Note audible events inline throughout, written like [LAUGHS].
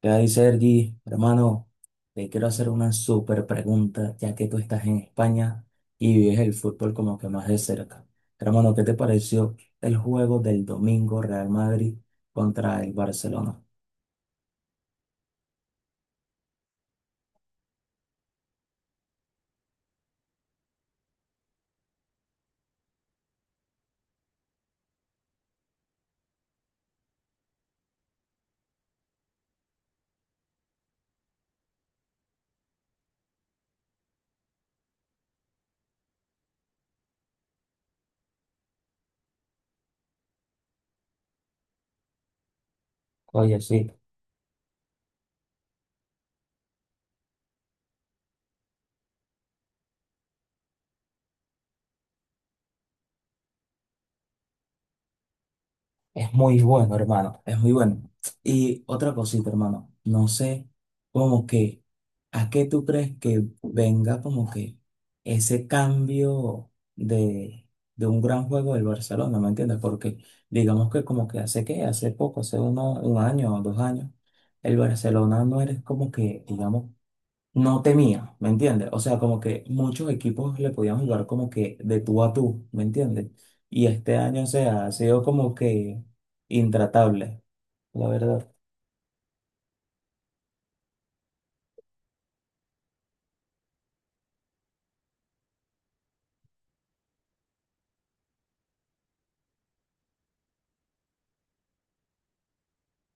¿Qué hay, Sergi? Hermano, te quiero hacer una súper pregunta, ya que tú estás en España y vives el fútbol como que más de cerca. Hermano, ¿qué te pareció el juego del domingo Real Madrid contra el Barcelona? Oye, sí. Es muy bueno, hermano, es muy bueno. Y otra cosita, hermano, no sé como que, ¿a qué tú crees que venga como que ese cambio de, de un gran juego del Barcelona? ¿Me entiendes? Porque digamos que como que, hace poco, hace uno, un año o 2 años, el Barcelona no eres como que, digamos, no temía, ¿me entiendes? O sea, como que muchos equipos le podían jugar como que de tú a tú, ¿me entiendes? Y este año, o sea, ha sido como que intratable, la verdad.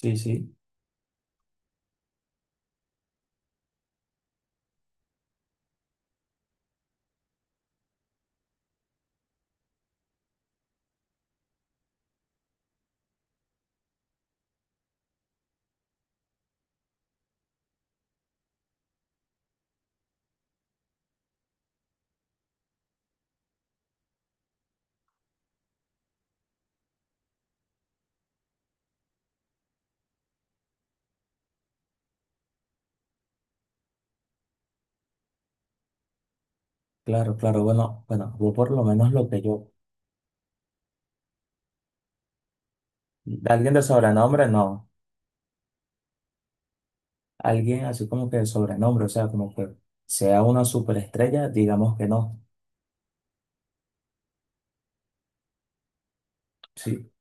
Sí, claro, claro. Bueno, bueno, yo por lo menos lo que yo. Alguien de sobrenombre, no. Alguien así como que de sobrenombre, o sea, como que sea una superestrella, digamos que no. Sí.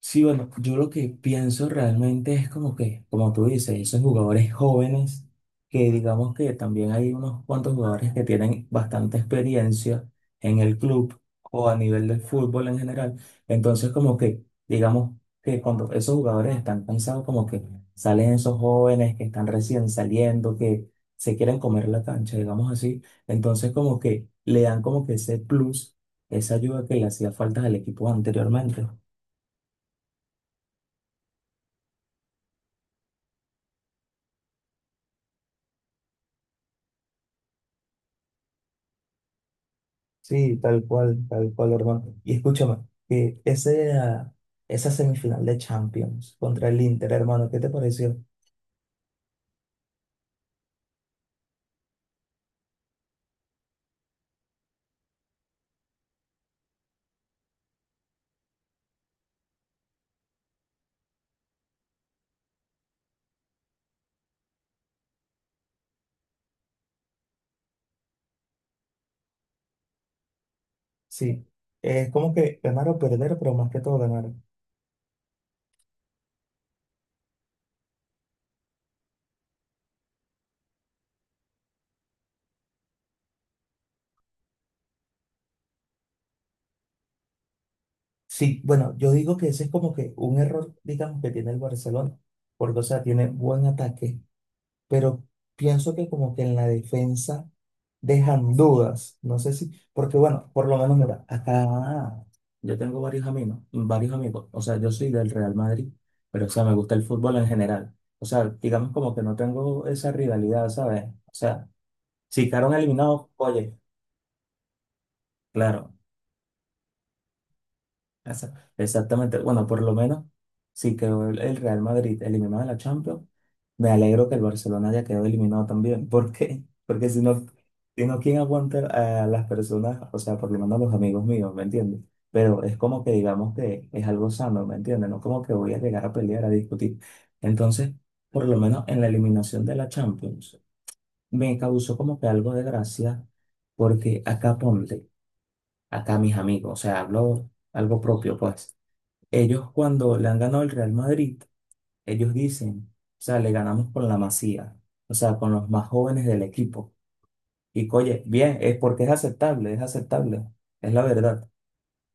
Sí, bueno, yo lo que pienso realmente es como que, como tú dices, esos jugadores jóvenes, que digamos que también hay unos cuantos jugadores que tienen bastante experiencia en el club o a nivel del fútbol en general. Entonces, como que, digamos que cuando esos jugadores están cansados, como que salen esos jóvenes que están recién saliendo, que se quieren comer la cancha, digamos así. Entonces, como que le dan como que ese plus, esa ayuda que le hacía falta al equipo anteriormente. Sí, tal cual, hermano. Y escúchame, que ese, ah, esa semifinal de Champions contra el Inter, hermano, ¿qué te pareció? Sí, es como que ganar o perder, pero más que todo ganar. Sí, bueno, yo digo que ese es como que un error, digamos, que tiene el Barcelona, porque, o sea, tiene buen ataque, pero pienso que como que en la defensa dejan dudas. No sé si, porque bueno, por lo menos mira, acá yo tengo varios amigos, varios amigos. O sea, yo soy del Real Madrid, pero o sea, me gusta el fútbol en general. O sea, digamos como que no tengo esa rivalidad, ¿sabes? O sea, si quedaron eliminados, oye, claro. Esa- Exactamente. Bueno, por lo menos, si quedó el Real Madrid eliminado de la Champions, me alegro que el Barcelona haya quedado eliminado también. [LAUGHS] ¿Por qué? Porque si no, si no, ¿quién aguanta a las personas? O sea, por lo menos a los amigos míos, ¿me entiendes? Pero es como que digamos que es algo sano, ¿me entiendes? No como que voy a llegar a pelear, a discutir. Entonces, por lo menos en la eliminación de la Champions, me causó como que algo de gracia, porque acá ponte, acá mis amigos, o sea, hablo algo propio, pues. Ellos cuando le han ganado el Real Madrid, ellos dicen, o sea, le ganamos con la Masía, o sea, con los más jóvenes del equipo. Y oye, bien, es porque es aceptable, es aceptable, es la verdad.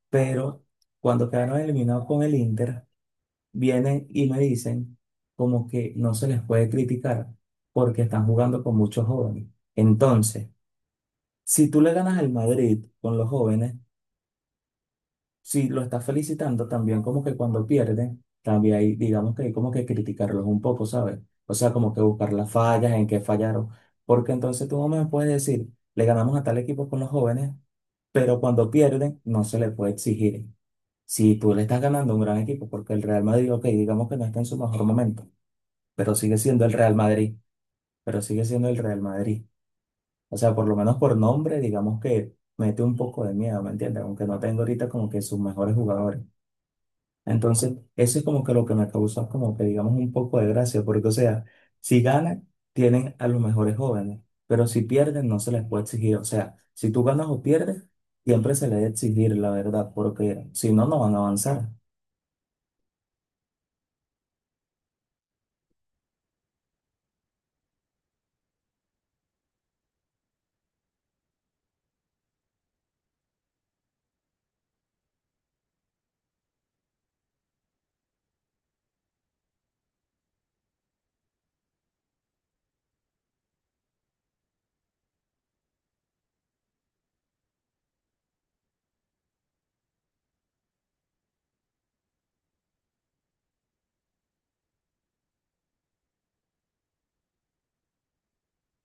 Pero cuando quedaron eliminados con el Inter, vienen y me dicen como que no se les puede criticar porque están jugando con muchos jóvenes. Entonces, si tú le ganas al Madrid con los jóvenes, si lo estás felicitando, también como que cuando pierden, también hay, digamos que hay como que criticarlos un poco, ¿sabes? O sea, como que buscar las fallas, en qué fallaron. Porque entonces tú no me puedes decir, le ganamos a tal equipo con los jóvenes, pero cuando pierden, no se le puede exigir. Si tú le estás ganando a un gran equipo, porque el Real Madrid, ok, digamos que no está en su mejor momento, pero sigue siendo el Real Madrid, pero sigue siendo el Real Madrid. O sea, por lo menos por nombre, digamos que mete un poco de miedo, ¿me entiendes? Aunque no tengo ahorita como que sus mejores jugadores. Entonces, eso es como que lo que me causa como que digamos un poco de gracia, porque o sea, si ganan, tienen a los mejores jóvenes, pero si pierden, no se les puede exigir. O sea, si tú ganas o pierdes, siempre se les debe exigir, la verdad, porque si no, no van a avanzar.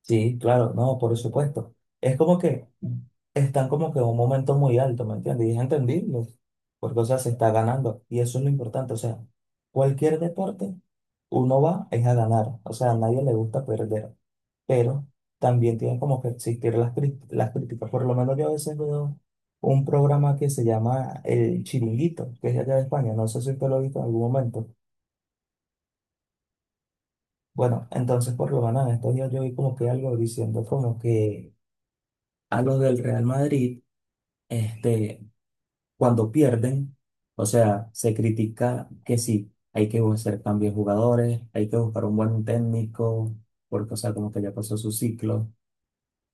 Sí, claro, no, por supuesto. Es como que están como que en un momento muy alto, ¿me entiendes? Y es entendible, porque o sea, se está ganando y eso es lo importante. O sea, cualquier deporte, uno va es a ganar, o sea, a nadie le gusta perder. Pero también tienen como que existir las, cri- las críticas. Por lo menos yo a veces veo un programa que se llama El Chiringuito, que es de allá de España, no sé si usted lo ha visto en algún momento. Bueno, entonces por lo menos en estos días yo vi como que algo diciendo como que a los del Real Madrid, este, cuando pierden, o sea, se critica que sí, hay que hacer cambios de jugadores, hay que buscar un buen técnico, porque o sea, como que ya pasó su ciclo.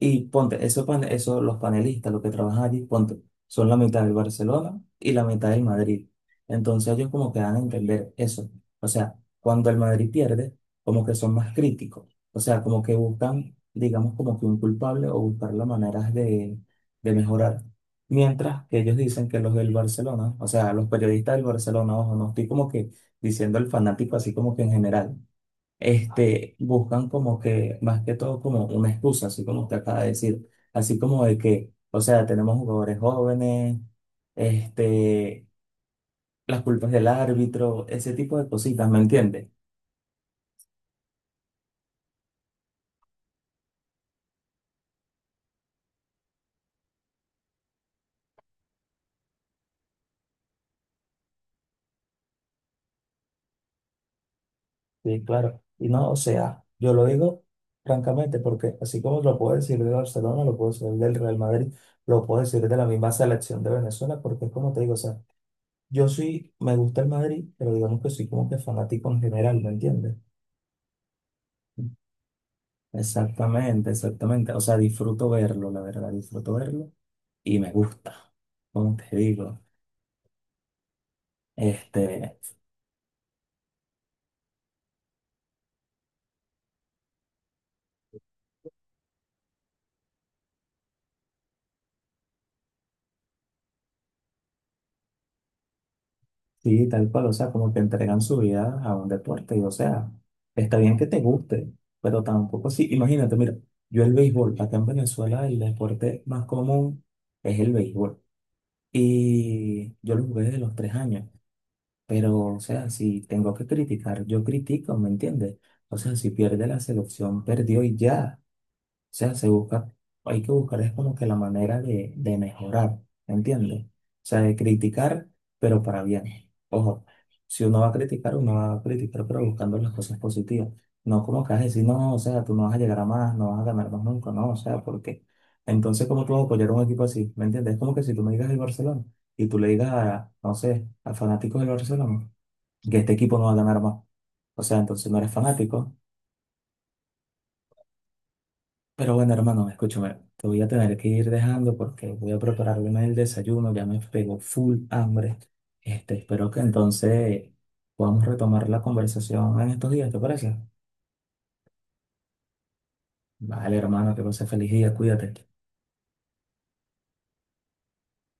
Y ponte, esos pan esos- los panelistas, los que trabajan allí, ponte, son la mitad del Barcelona y la mitad del Madrid. Entonces ellos como que dan a entender eso. O sea, cuando el Madrid pierde, como que son más críticos. O sea, como que buscan, digamos, como que un culpable o buscar las maneras de mejorar. Mientras que ellos dicen que los del Barcelona, o sea, los periodistas del Barcelona, ojo, no estoy como que diciendo el fanático así como que en general este, buscan como que, más que todo, como una excusa, así como usted acaba de decir, así como de que, o sea, tenemos jugadores jóvenes, este, las culpas del árbitro, ese tipo de cositas, ¿me entiendes? Sí, claro. Y no, o sea, yo lo digo francamente porque así como lo puedo decir de Barcelona, lo puedo decir del Real Madrid, lo puedo decir de la misma selección de Venezuela, porque es como te digo, o sea, yo sí me gusta el Madrid, pero digamos que soy como que fanático en general, ¿me entiendes? Exactamente, exactamente. O sea, disfruto verlo, la verdad, disfruto verlo y me gusta, como te digo. Este, sí, tal cual, o sea, como que entregan su vida a un deporte y, o sea, está bien que te guste, pero tampoco sí. Imagínate, mira, yo el béisbol, acá en Venezuela el deporte más común es el béisbol y yo lo jugué desde los 3 años, pero, o sea, si tengo que criticar, yo critico, ¿me entiendes? O sea, si pierde la selección, perdió y ya. O sea, se busca, hay que buscar es como que la manera de mejorar, ¿me ¿entiendes? O sea, de criticar, pero para bien. Ojo, si uno va a criticar, uno va a criticar, pero buscando las cosas positivas. No como que vas a decir, no, o sea, tú no vas a llegar a más, no vas a ganar más nunca, no, o sea, porque entonces, ¿cómo tú vas a apoyar a un equipo así? ¿Me entiendes? Es como que si tú me digas el Barcelona y tú le digas a, no sé, a fanáticos del Barcelona que este equipo no va a ganar más. O sea, entonces no eres fanático. Pero bueno, hermano, escúchame, te voy a tener que ir dejando porque voy a prepararme el desayuno, ya me pegó full hambre. Este, espero que entonces podamos retomar la conversación en estos días, ¿te parece? Vale, hermano, que pase feliz día, cuídate.